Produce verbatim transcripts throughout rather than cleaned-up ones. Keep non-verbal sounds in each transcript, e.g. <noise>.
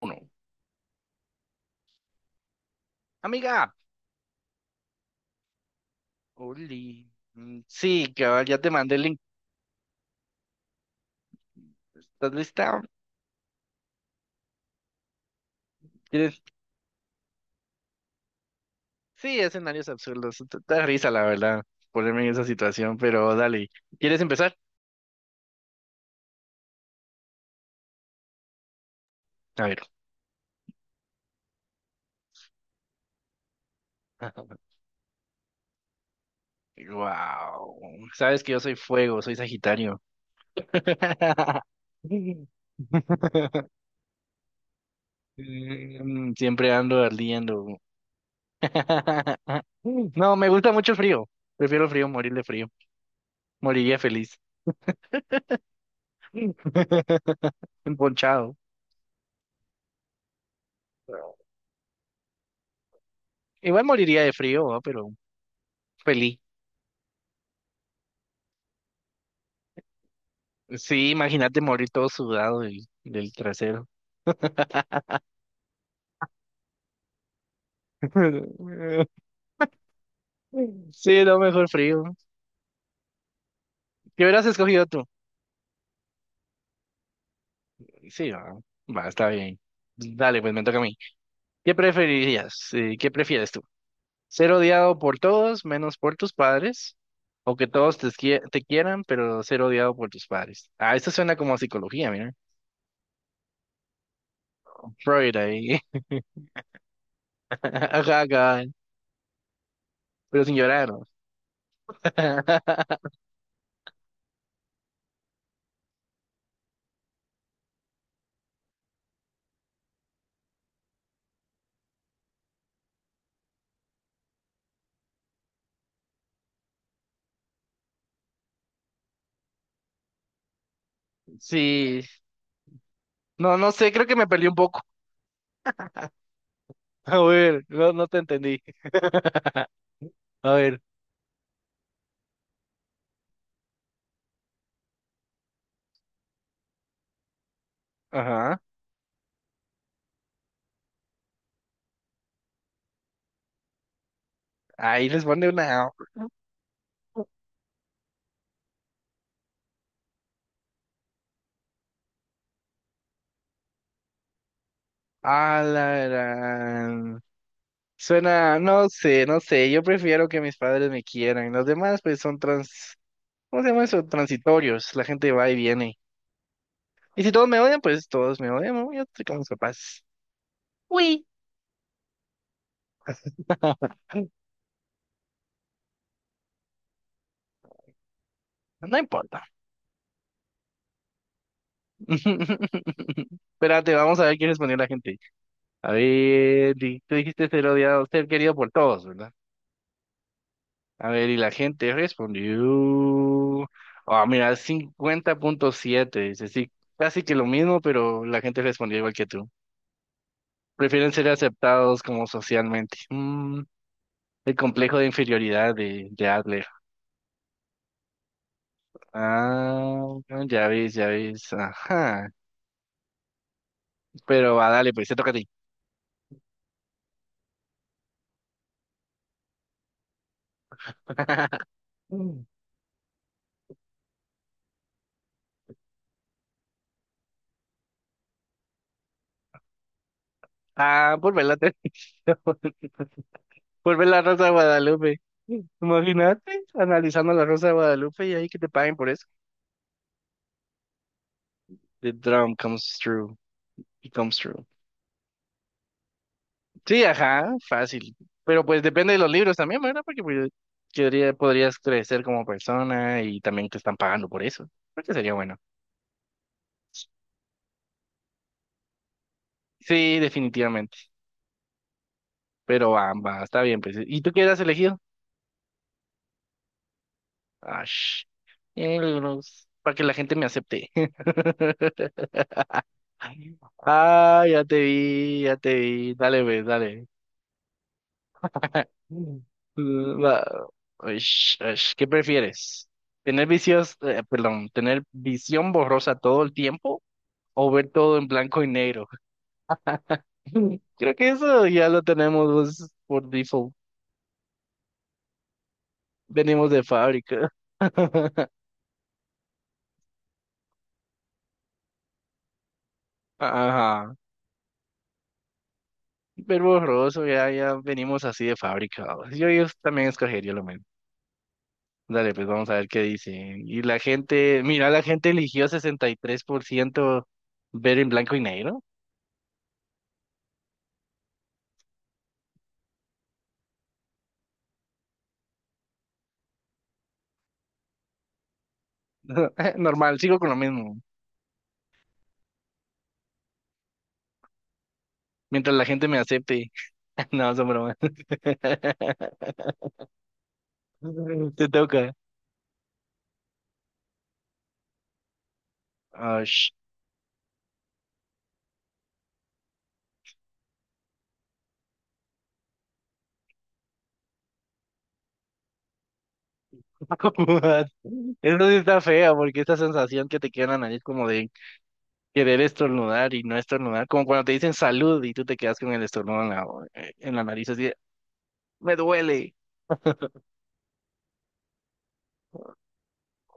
Uno. Amiga, Oli. Mm, sí, cabal, ya te mandé el link. ¿Estás lista? ¿Quieres? Sí, escenarios absurdos. Te- te da risa, la verdad, ponerme en esa situación, pero dale. ¿Quieres empezar? A ver. <laughs> Wow. Sabes que yo soy fuego, soy Sagitario. <laughs> Mm, Siempre ando ardiendo. <laughs> No, me gusta mucho el frío. Prefiero el frío, morir de frío. Moriría feliz. <laughs> Emponchado. Igual moriría de frío, ¿va? Pero feliz. Sí, imagínate morir todo sudado y del trasero. <laughs> Sí, no, mejor frío. ¿Qué hubieras escogido tú? Sí, va, va, está bien. Dale, pues me toca a mí. ¿Qué preferirías? Eh, ¿Qué prefieres tú? ¿Ser odiado por todos menos por tus padres? ¿O que todos te, esquie- te quieran, pero ser odiado por tus padres? Ah, esto suena como a psicología, mira. Freud ahí. <laughs> Ajá, ajá, pero sin llorar, ¿no? <laughs> Sí, no, no sé, creo que me perdí un poco. <laughs> A ver, no, no te entendí. <laughs> A ver, ajá. Ahí les pone una. A la gran. Suena, no sé, no sé. Yo prefiero que mis padres me quieran. Los demás, pues, son trans. ¿Cómo se llama eso? Transitorios. La gente va y viene. Y si todos me odian, pues todos me odian, ¿no? Yo estoy con mis papás. Uy. <laughs> No importa. <laughs> Espérate, vamos a ver qué respondió la gente. A ver, di- tú dijiste ser odiado, ser querido por todos, ¿verdad? A ver, y la gente respondió. Ah, mira, cincuenta punto siete dice, sí, casi que lo mismo, pero la gente respondió igual que tú. Prefieren ser aceptados como socialmente. Mm, el complejo de inferioridad de, de Adler. Ah, ya ves, ya ves. Ajá. Pero va, dale, pues, se toca a ti. <laughs> Mm. Ah, por ver la televisión. <laughs> Por ver la Rosa de Guadalupe. Imagínate, analizando la Rosa de Guadalupe y ahí que te paguen por eso. The drum comes true. It comes true. Sí, ajá, fácil. Pero pues depende de los libros también, ¿verdad? Porque pues, quedaría, podrías crecer como persona y también te están pagando por eso. Creo que sería bueno. Sí, definitivamente. Pero ambas, está bien, pues. ¿Y tú qué has elegido? Ah, sh- eh, libros, para que la gente me acepte. <laughs> Ah, ya te vi, ya te vi. Dale, pues, dale. Eh, mm, la- uish, uish, ¿Qué prefieres? ¿Tener vicios, eh, perdón, tener visión borrosa todo el tiempo o ver todo en blanco y negro? <laughs> Creo que eso ya lo tenemos, pues, por default. Venimos de fábrica. <laughs> Ajá. Ver borroso, ya, ya venimos así de fábrica. Yo, yo también escogería lo mismo. Dale, pues vamos a ver qué dicen. Y la gente, mira, la gente eligió sesenta y tres por ciento ver en blanco y negro. <laughs> Normal, sigo con lo mismo. Mientras la gente me acepte. <laughs> No, son bromas. <laughs> Te toca. Ah, sh- <laughs> Eso sí está fea, porque esta sensación que te queda en la nariz como de querer estornudar y no estornudar, como cuando te dicen salud y tú te quedas con el estornudo en la, eh, en la nariz así, de, me duele.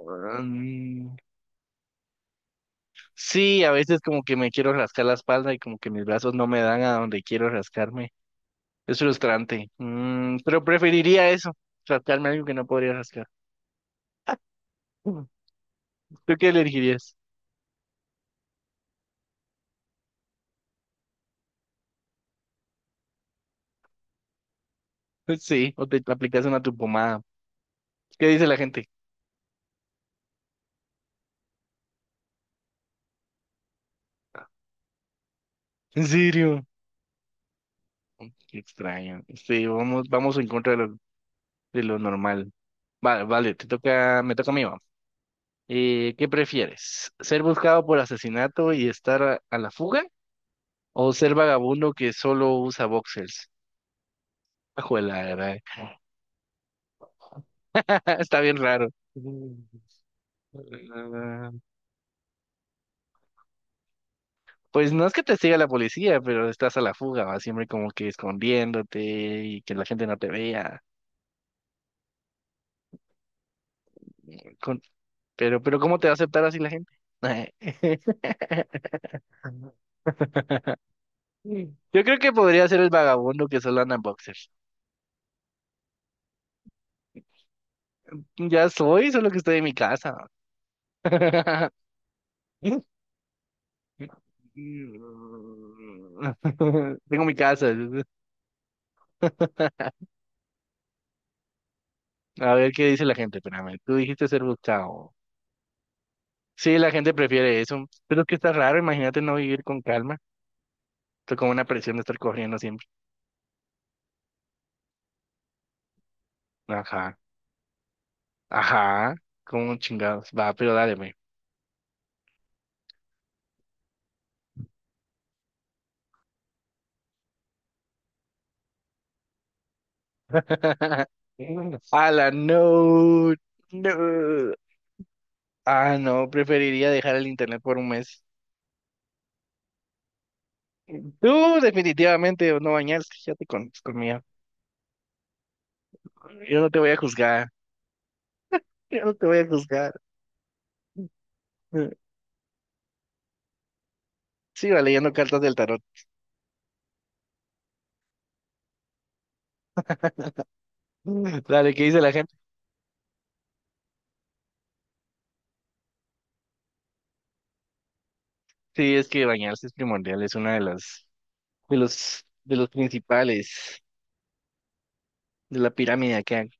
Mm, sí, a veces como que me quiero rascar la espalda y como que mis brazos no me dan a donde quiero rascarme. Es frustrante. Mm, pero preferiría eso, rascarme algo que no podría rascar. <laughs> ¿Tú qué elegirías? <laughs> Sí, o te aplicas una tu pomada. ¿Qué dice la gente? <laughs> ¿En serio? Mm, Qué extraño. Sí, vamos, vamos en contra de lo, de lo normal. Vale, vale, te toca, me toca a mí, va. Eh, ¿qué prefieres? ¿Ser buscado por asesinato y estar a, a la fuga? ¿O ser vagabundo que solo usa boxers? Ajuela, <laughs> está bien raro. <laughs> Pues no es que te siga la policía, pero estás a la fuga, ¿va? Siempre como que escondiéndote y que la gente no te vea. Con- Pero, pero ¿cómo te va a aceptar así la gente? <laughs> Yo creo que podría ser el vagabundo que solo anda en boxers. Ya soy, solo que estoy en mi casa. <laughs> Tengo mi casa. <laughs> A ver qué dice la gente, espérame. Tú dijiste ser buscado. Sí, la gente prefiere eso, pero es que está raro, imagínate no vivir con calma. Tú como una presión de estar corriendo siempre. Ajá, ajá, como chingados. Va, pero dáleme. <laughs> Ala, no, no. <laughs> Ah, no, preferiría dejar el internet por un mes. Tú definitivamente no bañaste, ya te con conmigo. Yo no te voy a juzgar, yo no te voy a juzgar. Sigo leyendo cartas del tarot. <laughs> Dale, ¿qué dice la gente? Sí, es que bañarse es primordial, es una de las, de los, de los principales de la pirámide que hay.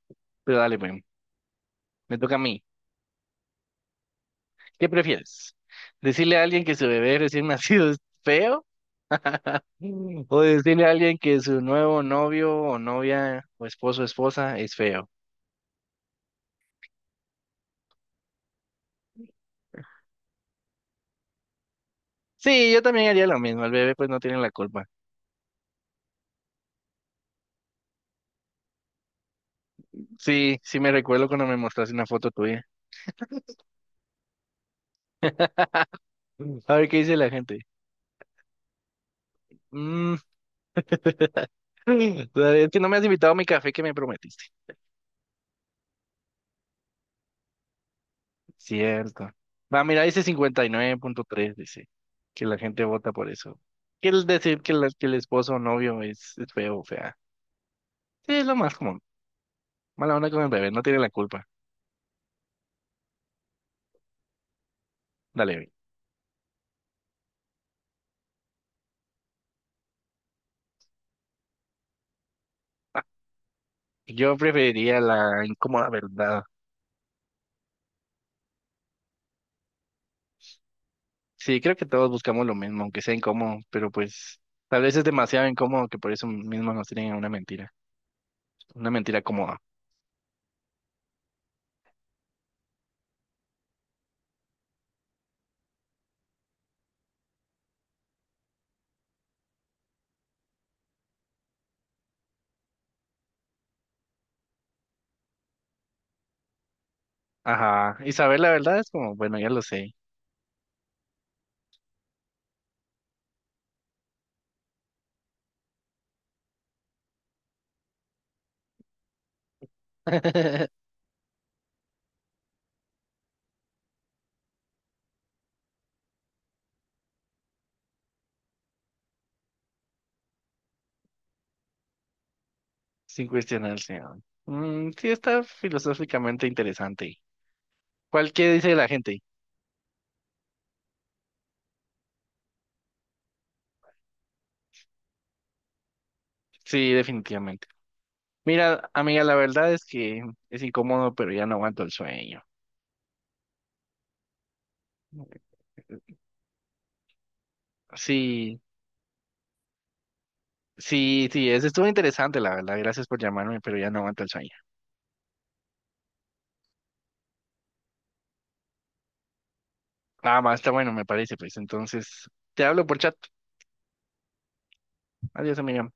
Pero dale, pues. Me toca a mí. ¿Qué prefieres? ¿Decirle a alguien que su bebé recién <laughs> nacido es feo? ¿O decirle a alguien que su nuevo novio o novia o esposo o esposa es feo? Sí, yo también haría lo mismo. El bebé pues no tiene la culpa. Sí, sí me recuerdo cuando me mostraste una foto tuya. A ver qué dice la gente. Mm, <laughs> es que no me has invitado a mi café que me prometiste. Cierto. Va, mira, dice cincuenta y nueve punto tres dice que la gente vota por eso. Quiere decir que, la- que el esposo o novio es, es feo o fea. Sí, es lo más común. Mala onda con el bebé, no tiene la culpa. Dale, güey. Ah, yo preferiría la incómoda verdad. Sí, creo que todos buscamos lo mismo, aunque sea incómodo, pero pues tal vez es demasiado incómodo que por eso mismo nos tienen a una mentira. Una mentira cómoda. Ajá. Y saber la verdad es como, bueno, ya lo sé. <laughs> Sin cuestionar al Señor. Mm, sí, está filosóficamente interesante. ¿Cuál qué dice la gente? Sí, definitivamente. Mira, amiga, la verdad es que es incómodo, pero ya no aguanto el sueño. Sí, sí, sí, es, estuvo interesante, la verdad. Gracias por llamarme, pero ya no aguanto el sueño. Nada más, está bueno, me parece, pues. Entonces, te hablo por chat. Adiós, amiga.